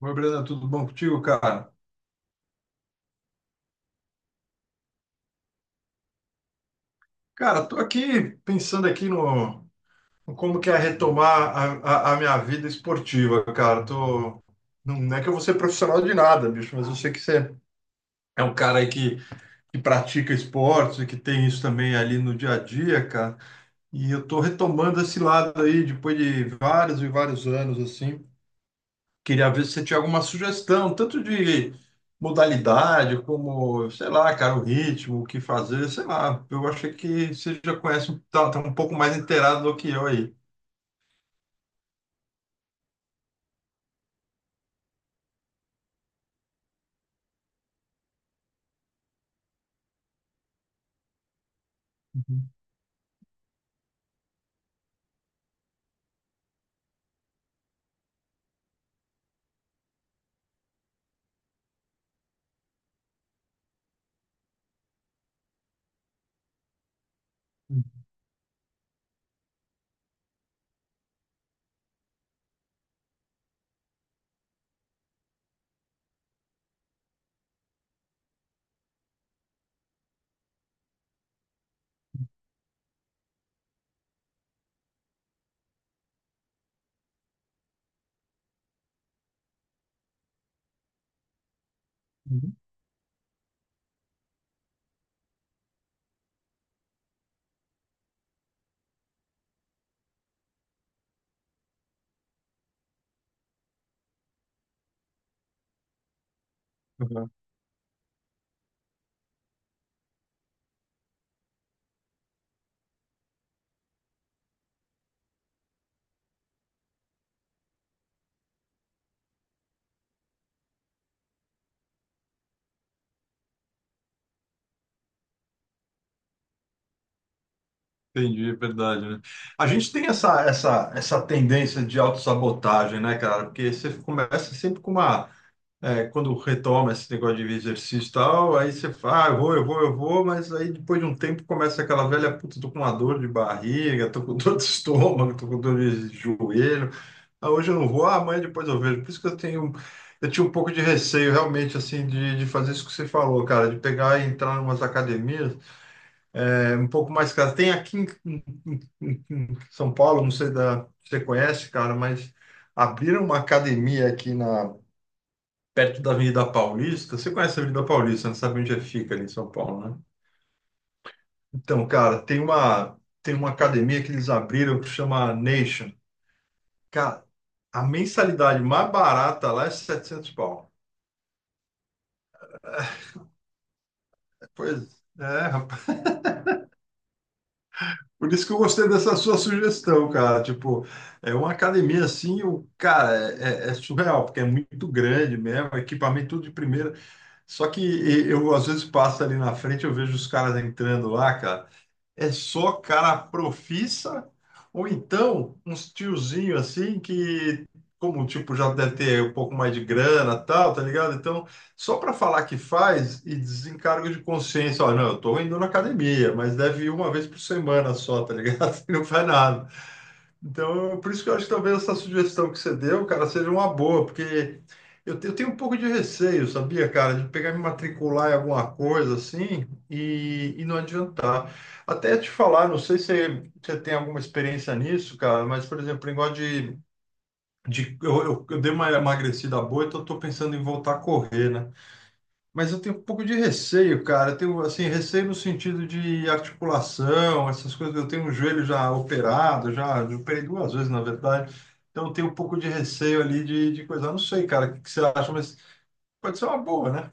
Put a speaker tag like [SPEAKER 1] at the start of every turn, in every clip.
[SPEAKER 1] Oi, Brenda, tudo bom contigo, cara? Cara, tô aqui pensando aqui no como que é retomar a minha vida esportiva, cara. Não é que eu vou ser profissional de nada, bicho, mas eu sei que você é um cara aí que pratica esportes e que tem isso também ali no dia a dia, cara. E eu tô retomando esse lado aí depois de vários e vários anos, assim. Queria ver se você tinha alguma sugestão, tanto de modalidade, como, sei lá, cara, o ritmo, o que fazer, sei lá. Eu achei que você já conhece, tá um pouco mais inteirado do que eu aí. Uhum, uhum. Uhum. Entendi, é verdade, né? A gente tem essa tendência de autossabotagem, né, cara? Porque você começa sempre com quando retoma esse negócio de exercício e tal, aí você fala, ah, eu vou, eu vou, eu vou, mas aí depois de um tempo começa aquela velha, puta, tô com uma dor de barriga, tô com dor de estômago, tô com dor de joelho, ah, hoje eu não vou, ah, amanhã depois eu vejo. Por isso que eu tinha um pouco de receio realmente, assim, de fazer isso que você falou, cara, de pegar e entrar em umas academias, é um pouco mais caras. Tem aqui em São Paulo, não sei se você conhece, cara, mas abriram uma academia aqui na perto da Avenida Paulista. Você conhece a Avenida Paulista, não sabe onde é que fica ali em São Paulo, né? Então, cara, tem uma academia que eles abriram que chama Nation. Cara, a mensalidade mais barata lá é 700 pau. Pois é, rapaz. Por isso que eu gostei dessa sua sugestão, cara. Tipo, é uma academia assim, o cara, é surreal, porque é muito grande mesmo, equipamento tudo de primeira. Só que eu às vezes passo ali na frente, eu vejo os caras entrando lá, cara. É só cara profissa, ou então uns tiozinho assim que, como tipo, já deve ter um pouco mais de grana tal, tá ligado? Então, só para falar que faz e desencargo de consciência, ó, não, eu tô indo na academia, mas deve ir uma vez por semana só, tá ligado? Não faz nada. Então, por isso que eu acho que talvez essa sugestão que você deu, cara, seja uma boa, porque eu tenho um pouco de receio, sabia, cara, de pegar e me matricular em alguma coisa assim e não adiantar. Até te falar, não sei se você tem alguma experiência nisso, cara, mas, por exemplo, o negócio de eu dei uma emagrecida boa, então eu tô pensando em voltar a correr, né? Mas eu tenho um pouco de receio, cara. Eu tenho, assim, receio no sentido de articulação, essas coisas. Eu tenho um joelho já operado, já operei duas vezes, na verdade. Então, eu tenho um pouco de receio ali de coisa. Eu não sei, cara, o que, que você acha, mas pode ser uma boa, né?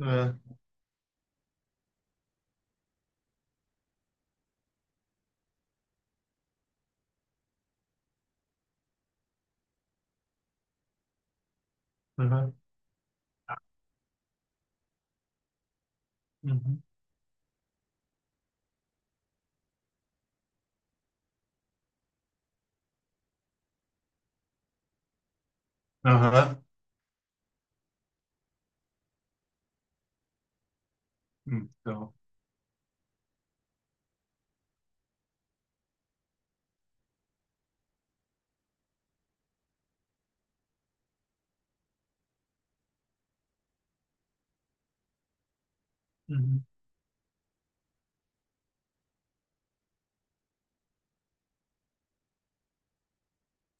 [SPEAKER 1] É. Aham. Uhum. Aham. Então. Uhum.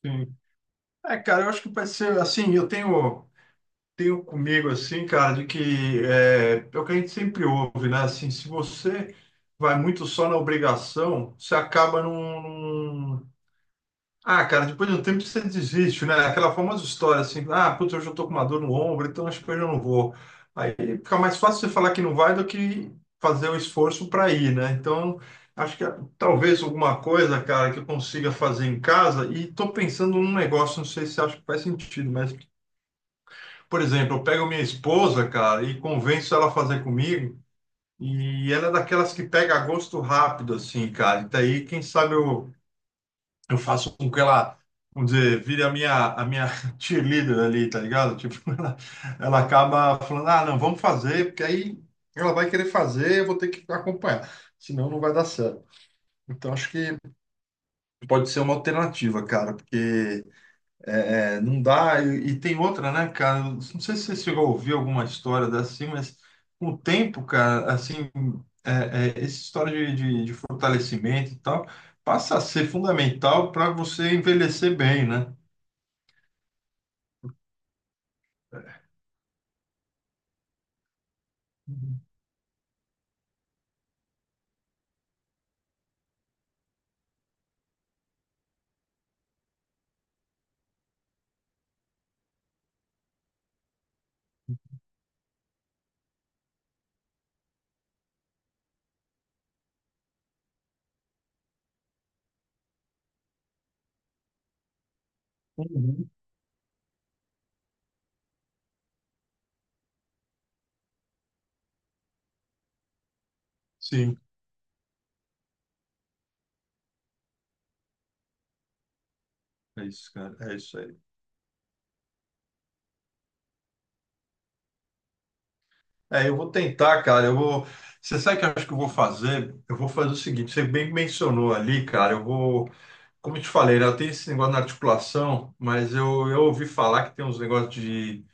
[SPEAKER 1] Sim. É, cara, eu acho que pode ser assim. Eu tenho. Tenho comigo assim, cara, de que é, é o que a gente sempre ouve, né? Assim, se você vai muito só na obrigação, você acaba Ah, cara, depois de um tempo você desiste, né? Aquela famosa história assim, ah, putz, hoje eu tô com uma dor no ombro, então acho que hoje eu não vou. Aí fica mais fácil você falar que não vai do que fazer o esforço para ir, né? Então, acho que ah, talvez alguma coisa, cara, que eu consiga fazer em casa e tô pensando num negócio, não sei se acho que faz sentido, mas por exemplo, eu pego minha esposa, cara, e convenço ela a fazer comigo. E ela é daquelas que pega gosto rápido, assim, cara. E daí, quem sabe eu faço com que ela, vamos dizer, vire a minha cheerleader ali, tá ligado? Tipo, ela acaba falando, ah, não, vamos fazer, porque aí ela vai querer fazer, eu vou ter que acompanhar. Senão não vai dar certo. Então, acho que pode ser uma alternativa, cara, porque é, não dá. E tem outra, né, cara? Não sei se você chegou a ouvir alguma história dessa, assim, mas com o tempo, cara, assim, é, essa história de fortalecimento e tal passa a ser fundamental para você envelhecer bem, né? Uhum. Sim, é isso, cara. É isso aí. É, eu vou tentar, cara. Eu vou. Você sabe o que eu acho que eu vou fazer? Eu vou fazer o seguinte: você bem mencionou ali, cara. Eu vou. Como eu te falei, né, eu tenho esse negócio na articulação, mas eu ouvi falar que tem uns negócios de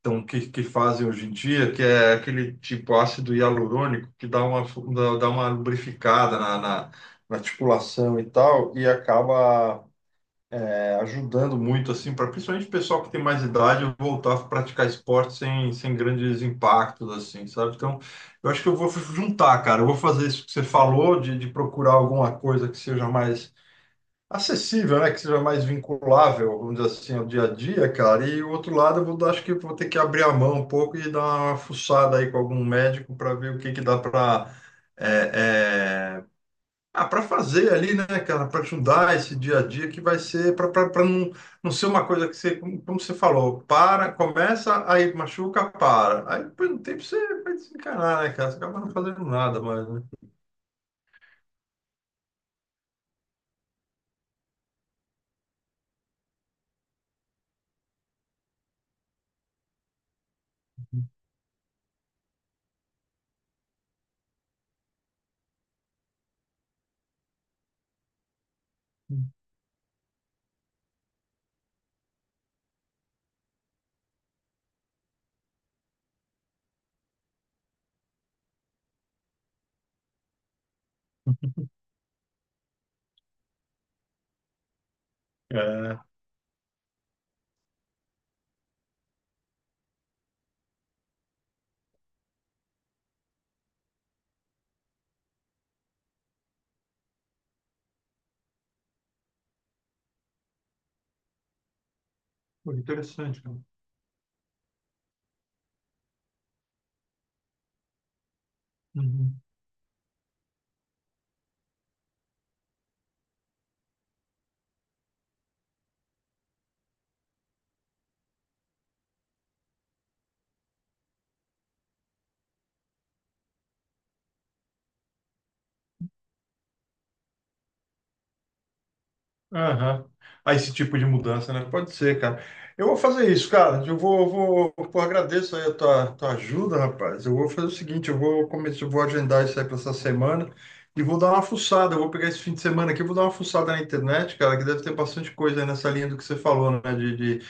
[SPEAKER 1] que fazem hoje em dia, que é aquele tipo ácido hialurônico que dá uma, dá uma lubrificada na articulação e tal, e acaba é, ajudando muito, assim, para principalmente o pessoal que tem mais idade voltar a praticar esporte sem, sem grandes impactos, assim, sabe? Então, eu acho que eu vou juntar, cara, eu vou fazer isso que você falou, de procurar alguma coisa que seja mais acessível, né? Que seja mais vinculável, vamos dizer assim, ao dia a dia, cara. E o outro lado, eu vou, acho que eu vou ter que abrir a mão um pouco e dar uma fuçada aí com algum médico para ver o que que dá para é, é, para fazer ali, né, cara? Para ajudar esse dia a dia que vai ser para não, não ser uma coisa que você, como você falou, para, começa, aí machuca, para. Aí depois no tempo você vai desencanar, né, cara? Você acaba não fazendo nada mais, né? É, pô, interessante, cara. Uhum. Aham. Ah, esse tipo de mudança, né? Pode ser, cara. Eu vou fazer isso, cara. Eu vou, pô, agradeço aí a tua ajuda, rapaz. Eu vou fazer o seguinte, eu vou começar, eu vou agendar isso aí para essa semana e vou dar uma fuçada. Eu vou pegar esse fim de semana aqui, eu vou dar uma fuçada na internet, cara, que deve ter bastante coisa aí nessa linha do que você falou, né? De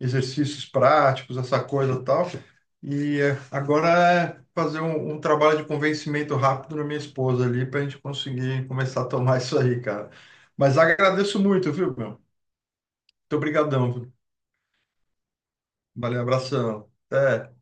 [SPEAKER 1] exercícios práticos, essa coisa e tal. E é, agora é fazer um, um trabalho de convencimento rápido na minha esposa ali para a gente conseguir começar a tomar isso aí, cara. Mas agradeço muito, viu, meu? Muito obrigadão, viu? Valeu, abração. Até.